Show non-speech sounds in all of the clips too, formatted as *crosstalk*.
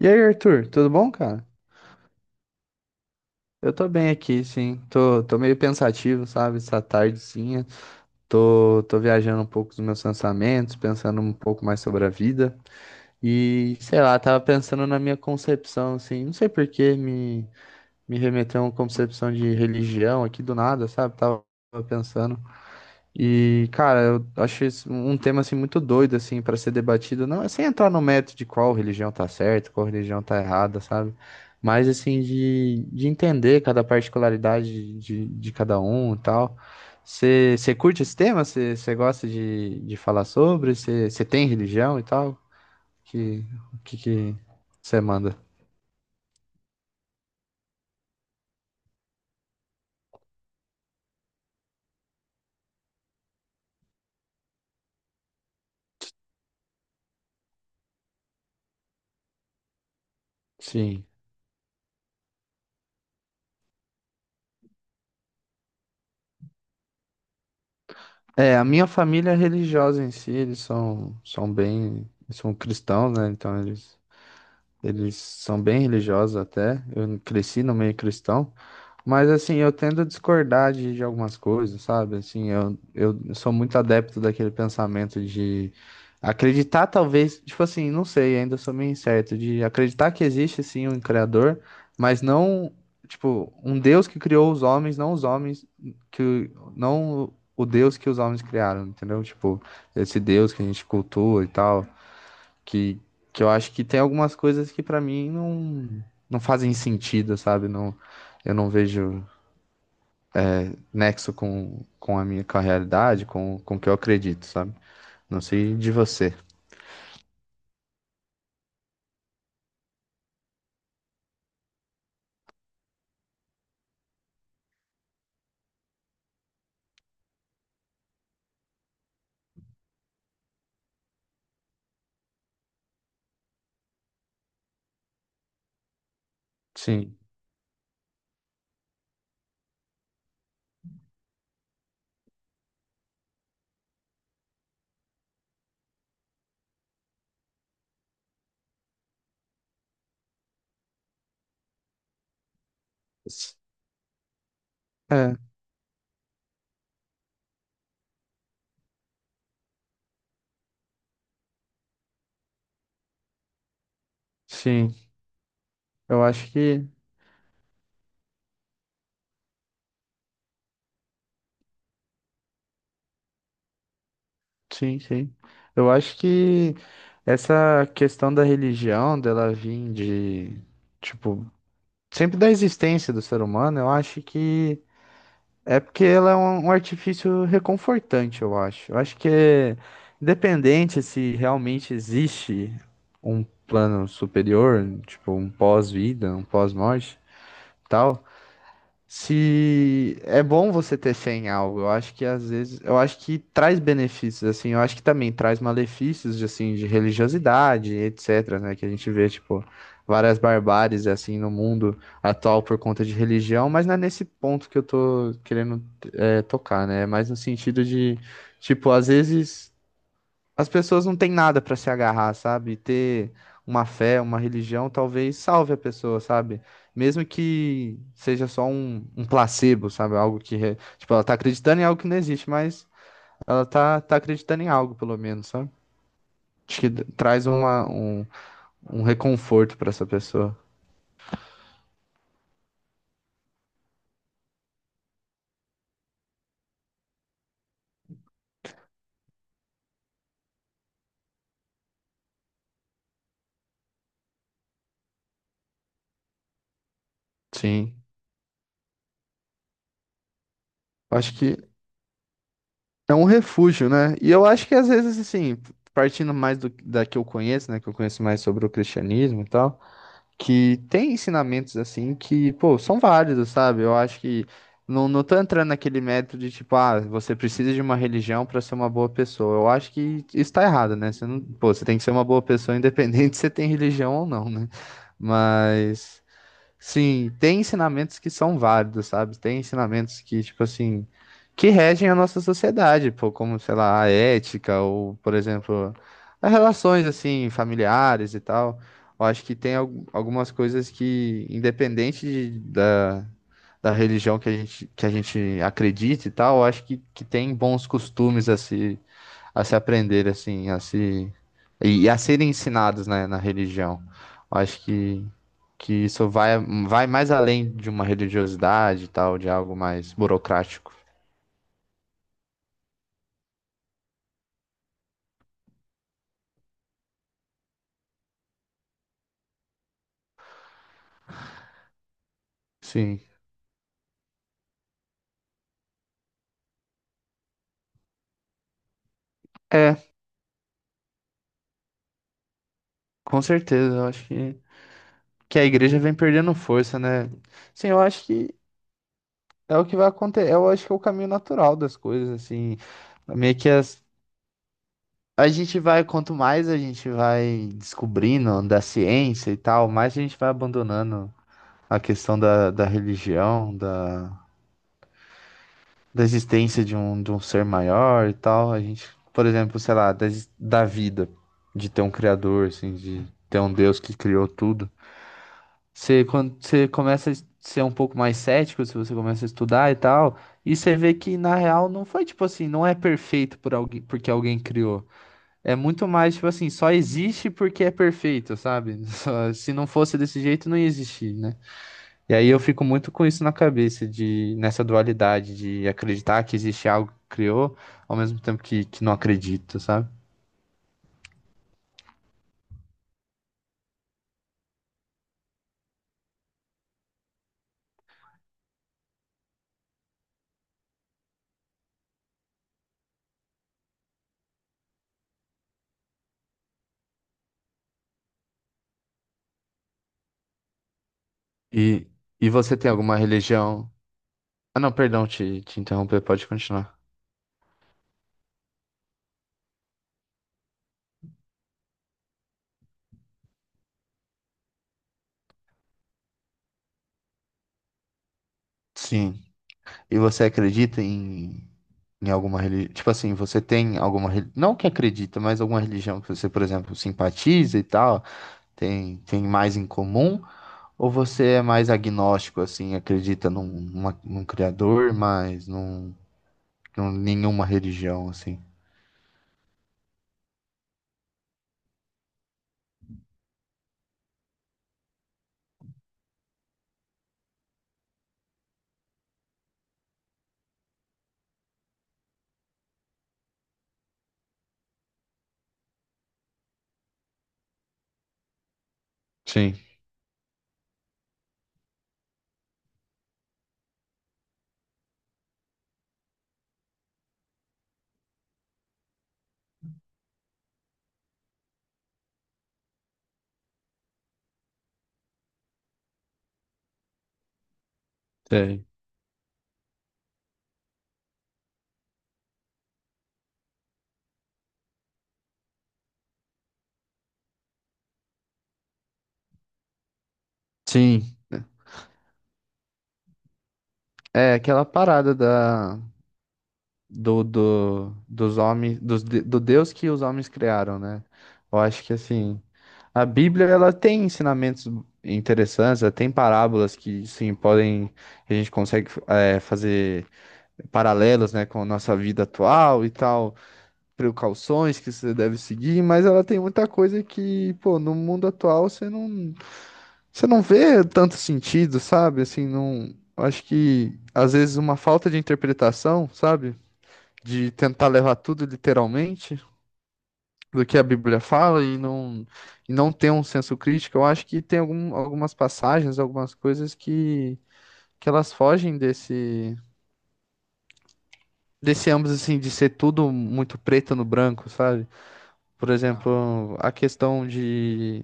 E aí, Arthur, tudo bom, cara? Eu tô bem aqui, sim. Tô meio pensativo, sabe? Essa tardezinha. Tô viajando um pouco dos meus pensamentos, pensando um pouco mais sobre a vida. E, sei lá, tava pensando na minha concepção, assim. Não sei por que me remeteu a uma concepção de religião aqui do nada, sabe? Tava pensando. E, cara, eu acho isso um tema assim muito doido assim para ser debatido, não é sem entrar no mérito de qual religião tá certa, qual religião tá errada, sabe? Mas assim de entender cada particularidade de cada um e tal. Você curte esse tema? Você gosta de falar sobre? Você tem religião e tal? Que O que que você manda? Sim. É, a minha família é religiosa em si, eles são bem, eles são cristãos, né? Então eles são bem religiosos até. Eu cresci no meio cristão, mas assim, eu tendo a discordar de algumas coisas, sabe? Assim, eu sou muito adepto daquele pensamento de acreditar, talvez, tipo assim, não sei, ainda sou meio incerto, de acreditar que existe sim um criador, mas não, tipo, um Deus que criou os homens, não os homens que não o Deus que os homens criaram, entendeu? Tipo, esse Deus que a gente cultua e tal, que, que eu acho que tem algumas coisas que pra mim não fazem sentido, sabe? Não, eu não vejo nexo com a minha, com a realidade, com o que eu acredito, sabe? Não sei de você. Sim. S- É, sim. Eu acho que. Sim, sim. Eu acho que essa questão da religião, dela vir de. Tipo, sempre da existência do ser humano, eu acho que é porque ela é um artifício reconfortante, eu acho. Eu acho que é independente se realmente existe um plano superior, tipo um pós-vida, um pós-morte, tal. Se é bom você ter fé em algo, eu acho que às vezes, eu acho que traz benefícios, assim, eu acho que também traz malefícios, de, assim, de religiosidade, etc, né, que a gente vê, tipo, várias barbáries, assim, no mundo atual por conta de religião, mas não é nesse ponto que eu tô querendo, é, tocar, né, é mais no sentido de, tipo, às vezes. As pessoas não têm nada pra se agarrar, sabe? Ter uma fé, uma religião, talvez salve a pessoa, sabe? Mesmo que seja só um placebo, sabe? Algo que, tipo, ela tá acreditando em algo que não existe, mas ela tá acreditando em algo, pelo menos, sabe? Acho que traz uma, um reconforto pra essa pessoa. Sim. Acho que é um refúgio, né? E eu acho que às vezes, assim, partindo mais da que eu conheço, né? Que eu conheço mais sobre o cristianismo e tal. Que tem ensinamentos assim que, pô, são válidos, sabe? Eu acho que não tô entrando naquele método de tipo, ah, você precisa de uma religião para ser uma boa pessoa. Eu acho que isso tá errado, né? Você não, pô, você tem que ser uma boa pessoa independente *laughs* se você tem religião ou não, né? Mas sim, tem ensinamentos que são válidos, sabe? Tem ensinamentos que, tipo assim, que regem a nossa sociedade, pô, como, sei lá, a ética, ou, por exemplo, as relações, assim, familiares e tal. Eu acho que tem algumas coisas que, independente da religião que a gente acredita e tal, eu acho que tem bons costumes a se, aprender, assim, a se. E a serem ensinados, né, na religião. Eu acho que isso vai mais além de uma religiosidade e tal, de algo mais burocrático. Sim. É, com certeza. Eu acho que a igreja vem perdendo força, né? Sim, eu acho que é o que vai acontecer. Eu acho que é o caminho natural das coisas, assim. Meio que as, a gente vai, quanto mais a gente vai descobrindo da ciência e tal, mais a gente vai abandonando a questão da, da, religião, da existência de um ser maior e tal. A gente, por exemplo, sei lá, da vida, de ter um criador, assim, de ter um Deus que criou tudo. Você, quando você começa a ser um pouco mais cético, se você começa a estudar e tal, e você vê que na real não foi tipo assim, não é perfeito por alguém, porque alguém criou. É muito mais tipo assim, só existe porque é perfeito, sabe? *laughs* Se não fosse desse jeito, não ia existir, né? E aí eu fico muito com isso na cabeça, de nessa dualidade de acreditar que existe algo que criou, ao mesmo tempo que não acredito, sabe? E, e você tem alguma religião? Ah, não, perdão, te interromper, pode continuar. Sim. E você acredita em alguma religião? Tipo assim, você tem alguma religião? Não que acredita, mas alguma religião que você, por exemplo, simpatiza e tal, tem mais em comum? Ou você é mais agnóstico, assim, acredita num criador, mas num. Não, nenhuma religião, assim. Sim, tem. Sim. É aquela parada dos homens, do Deus que os homens criaram, né? Eu acho que, assim, a Bíblia, ela tem ensinamentos interessantes, ela tem parábolas que, sim, podem, a gente consegue é, fazer paralelos, né, com a nossa vida atual e tal, precauções que você deve seguir, mas ela tem muita coisa que, pô, no mundo atual. Você não vê tanto sentido, sabe? Assim, não. Eu acho que às vezes uma falta de interpretação, sabe? De tentar levar tudo literalmente do que a Bíblia fala e não, ter um senso crítico. Eu acho que tem algumas passagens, algumas coisas que elas fogem desse ambos, assim, de ser tudo muito preto no branco, sabe? Por exemplo, a questão de,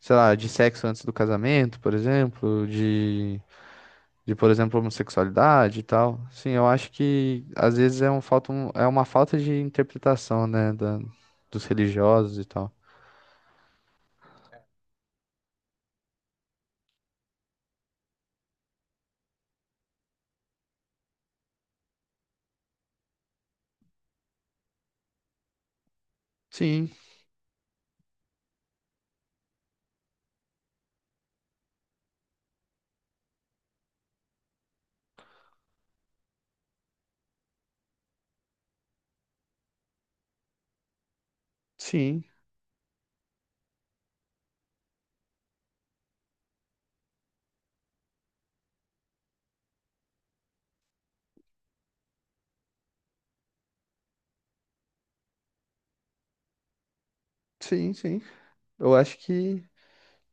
sei lá, de sexo antes do casamento, por exemplo, de. De, por exemplo, homossexualidade e tal. Sim, eu acho que às vezes é uma falta de interpretação, né, dos religiosos e tal. Sim, sim, sim, sim. Eu acho que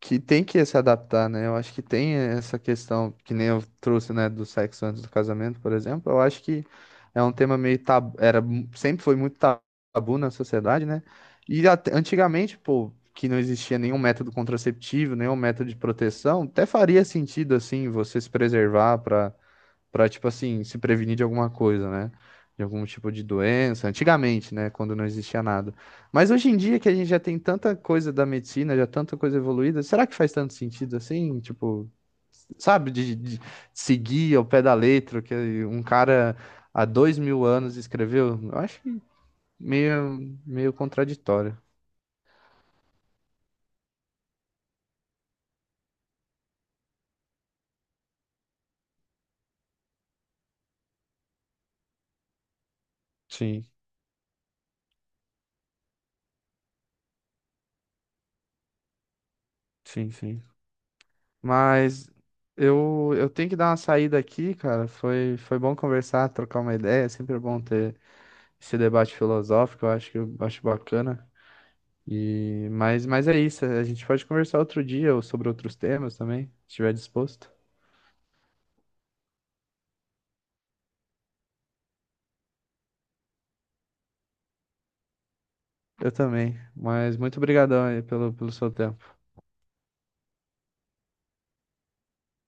que tem que se adaptar, né? Eu acho que tem essa questão, que nem eu trouxe, né, do sexo antes do casamento, por exemplo. Eu acho que é um tema meio tabu, era, sempre foi muito tabu na sociedade, né? E antigamente, pô, que não existia nenhum método contraceptivo, nenhum método de proteção, até faria sentido, assim, você se preservar para tipo assim, se prevenir de alguma coisa, né? De algum tipo de doença. Antigamente, né? Quando não existia nada. Mas hoje em dia que a gente já tem tanta coisa da medicina, já tanta coisa evoluída, será que faz tanto sentido assim? Tipo, sabe, de seguir ao pé da letra o que um cara há 2.000 anos escreveu? Eu acho que meio contraditório. Sim, sim, sim. Mas eu tenho que dar uma saída aqui, cara. Foi bom conversar, trocar uma ideia. É sempre bom ter esse debate filosófico, eu acho bacana. Mas é isso, a gente pode conversar outro dia ou sobre outros temas também, se estiver disposto. Eu também, mas muito obrigadão aí pelo seu tempo.